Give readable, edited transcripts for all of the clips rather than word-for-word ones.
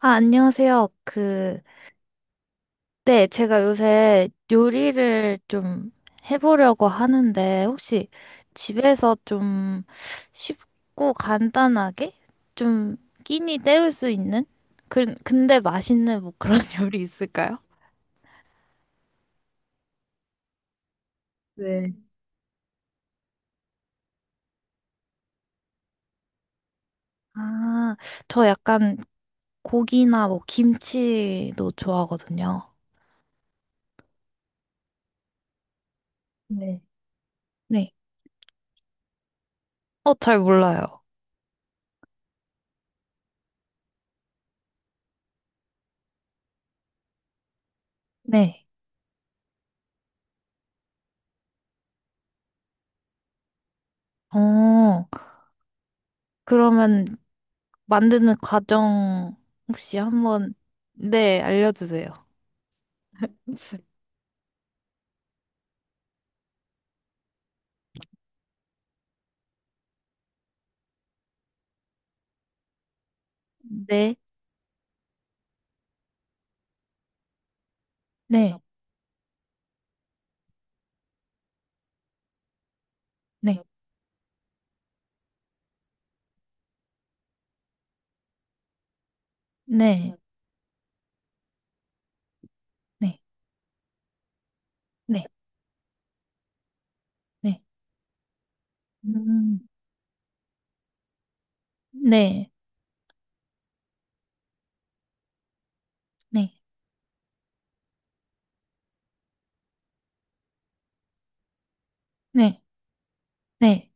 아, 안녕하세요. 네, 제가 요새 요리를 좀 해보려고 하는데, 혹시 집에서 좀 쉽고 간단하게 좀 끼니 때울 수 있는? 근데 맛있는 뭐 그런 요리 있을까요? 아, 저 약간 고기나 뭐 김치도 좋아하거든요. 네. 네. 어, 잘 몰라요. 네. 어, 그러면 만드는 과정 혹시 한번, 네, 알려주세요. 네, 네, 네, 네, 네, 네, 네, 음, 네, 네, 네, 네,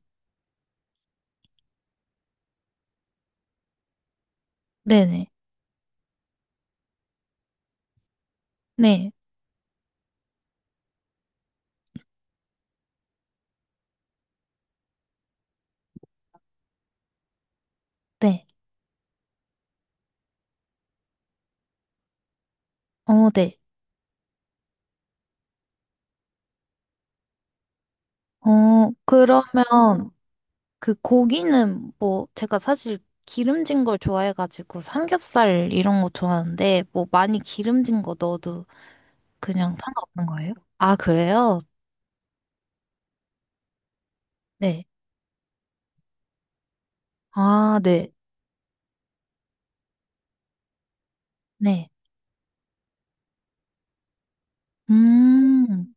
네, 네, 네, 네, 어, 네. 어, 그러면 그 고기는 뭐 제가 사실 기름진 걸 좋아해가지고 삼겹살 이런 거 좋아하는데 뭐 많이 기름진 거 넣어도 그냥 상관없는 거예요? 아, 그래요? 네. 아, 네, 네. 음,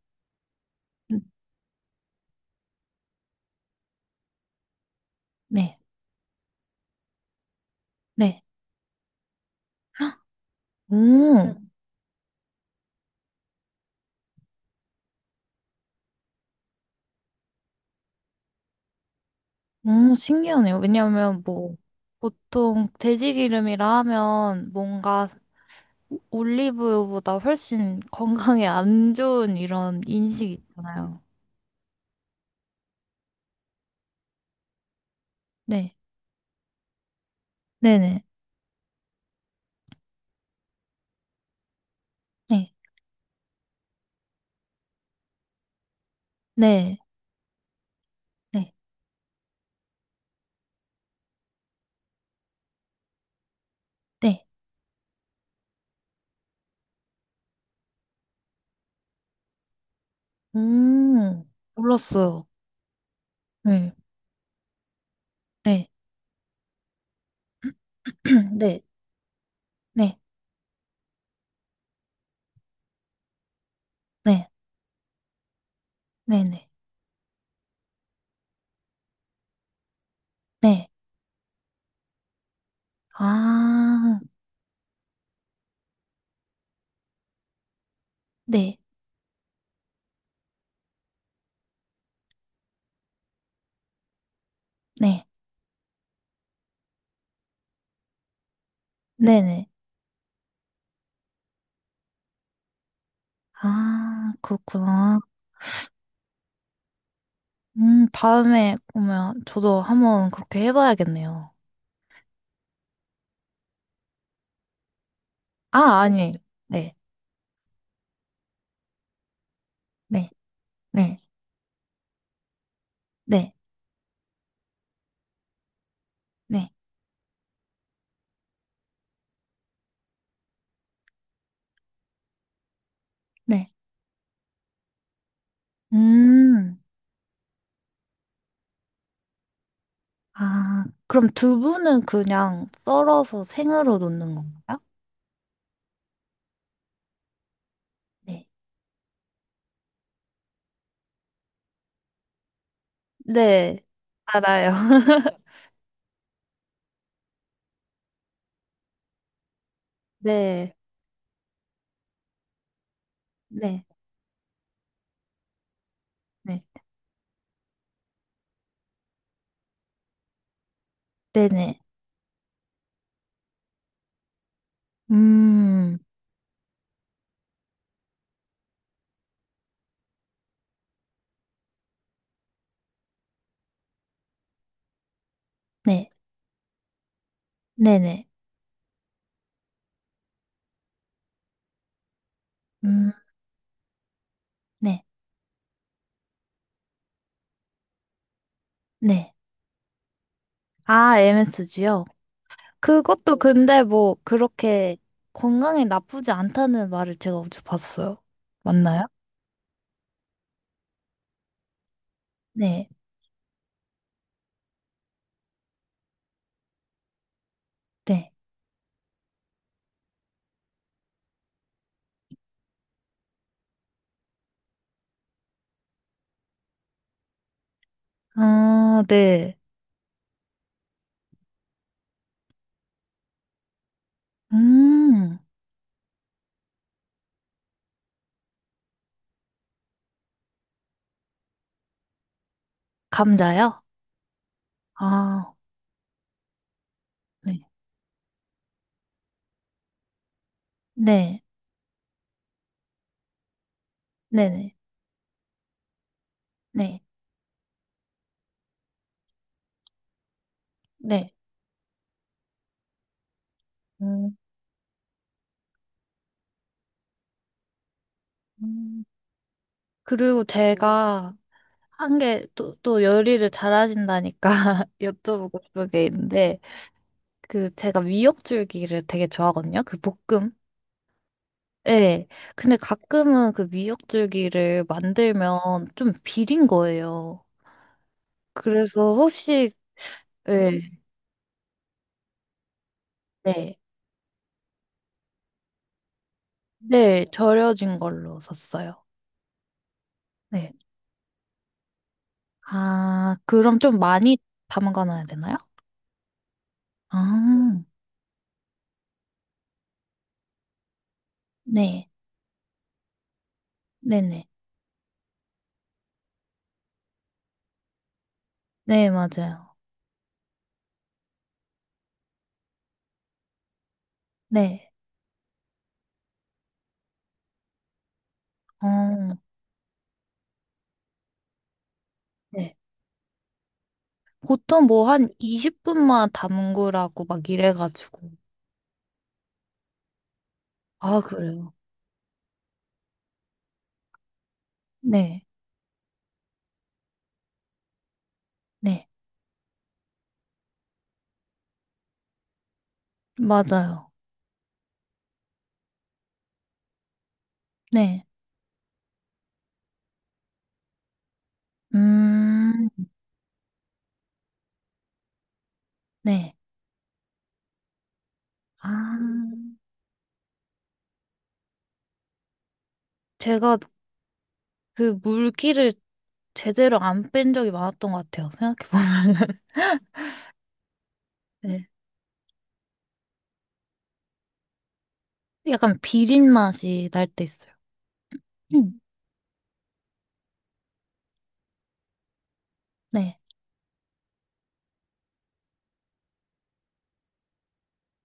네, 네. 헉, 오, 응. 오, 신기하네요. 왜냐하면 뭐, 보통 돼지기름이라 하면 뭔가 올리브유보다 훨씬 건강에 안 좋은 이런 인식이 있잖아요. 네, 네네, 네, 네, 네, 네. 음... 몰랐어요. 네, 네, 네, 네, 네, 네, 네, 네. 아, 네, 네, 네네. 아, 그렇구나. 다음에 보면 저도 한번 그렇게 해봐야겠네요. 아, 아니. 네, 네, 네, 네, 네, 네. 음, 아, 그럼 두부는 그냥 썰어서 생으로 넣는 건가요? 네. 네, 알아요. 네, 네, 네, 네네. 음, 네, 네네. 음, 네, 네. 아, MSG요? 그것도 근데 뭐 그렇게 건강에 나쁘지 않다는 말을 제가 어디서 봤어요. 맞나요? 네, 네. 아, 네. 음, 감자요? 아, 네. 네, 네네, 네, 네. 음, 음. 그리고 제가 한 게 또, 또 요리를 잘하신다니까 여쭤보고 싶은 게 있는데, 그 제가 미역줄기를 되게 좋아하거든요. 그 볶음. 네, 근데 가끔은 그 미역줄기를 만들면 좀 비린 거예요. 그래서 혹시, 네, 네. 네, 절여진 걸로 샀어요. 네. 아, 그럼 좀 많이 담가 놔야 되나요? 아, 네. 네네. 네, 맞아요. 네. 어, 네. 보통 뭐 한 20분만 담그라고 막 이래가지고. 아, 그래요. 네. 네. 맞아요. 네. 음, 네. 아, 제가 그 물기를 제대로 안 뺀 적이 많았던 것 같아요. 생각해보면. 네. 약간 비린 맛이 날 때 있어요. 음. 네,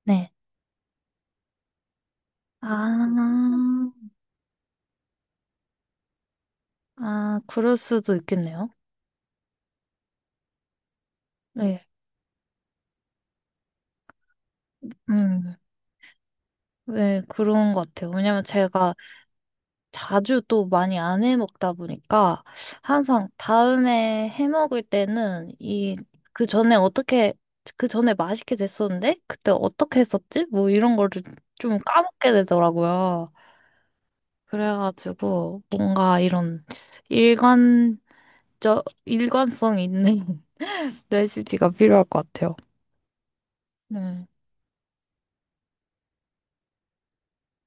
네. 아, 아, 그럴 수도 있겠네요. 네. 음, 네, 그런 것 같아요. 왜냐면 제가 자주 또 많이 안 해 먹다 보니까 항상 다음에 해 먹을 때는 이 그 전에 어떻게 그 전에 맛있게 됐었는데 그때 어떻게 했었지? 뭐 이런 거를 좀 까먹게 되더라고요. 그래가지고 뭔가 이런 일관적 일관성 있는 레시피가 필요할 것 같아요. 네.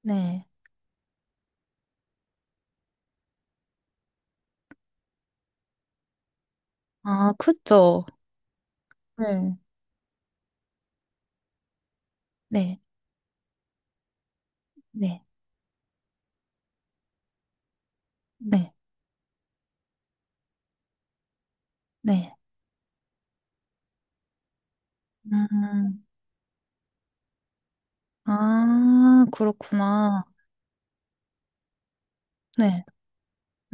네. 아, 그쵸. 네. 네. 네. 네. 네. 음. 아, 그렇구나. 네.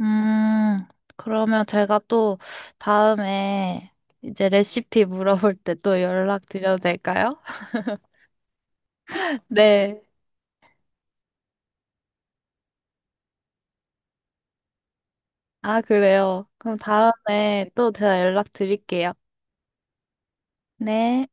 음, 그러면 제가 또 다음에 이제 레시피 물어볼 때 또 연락드려도 될까요? 네. 아, 그래요. 그럼 다음에 또 제가 연락드릴게요. 네.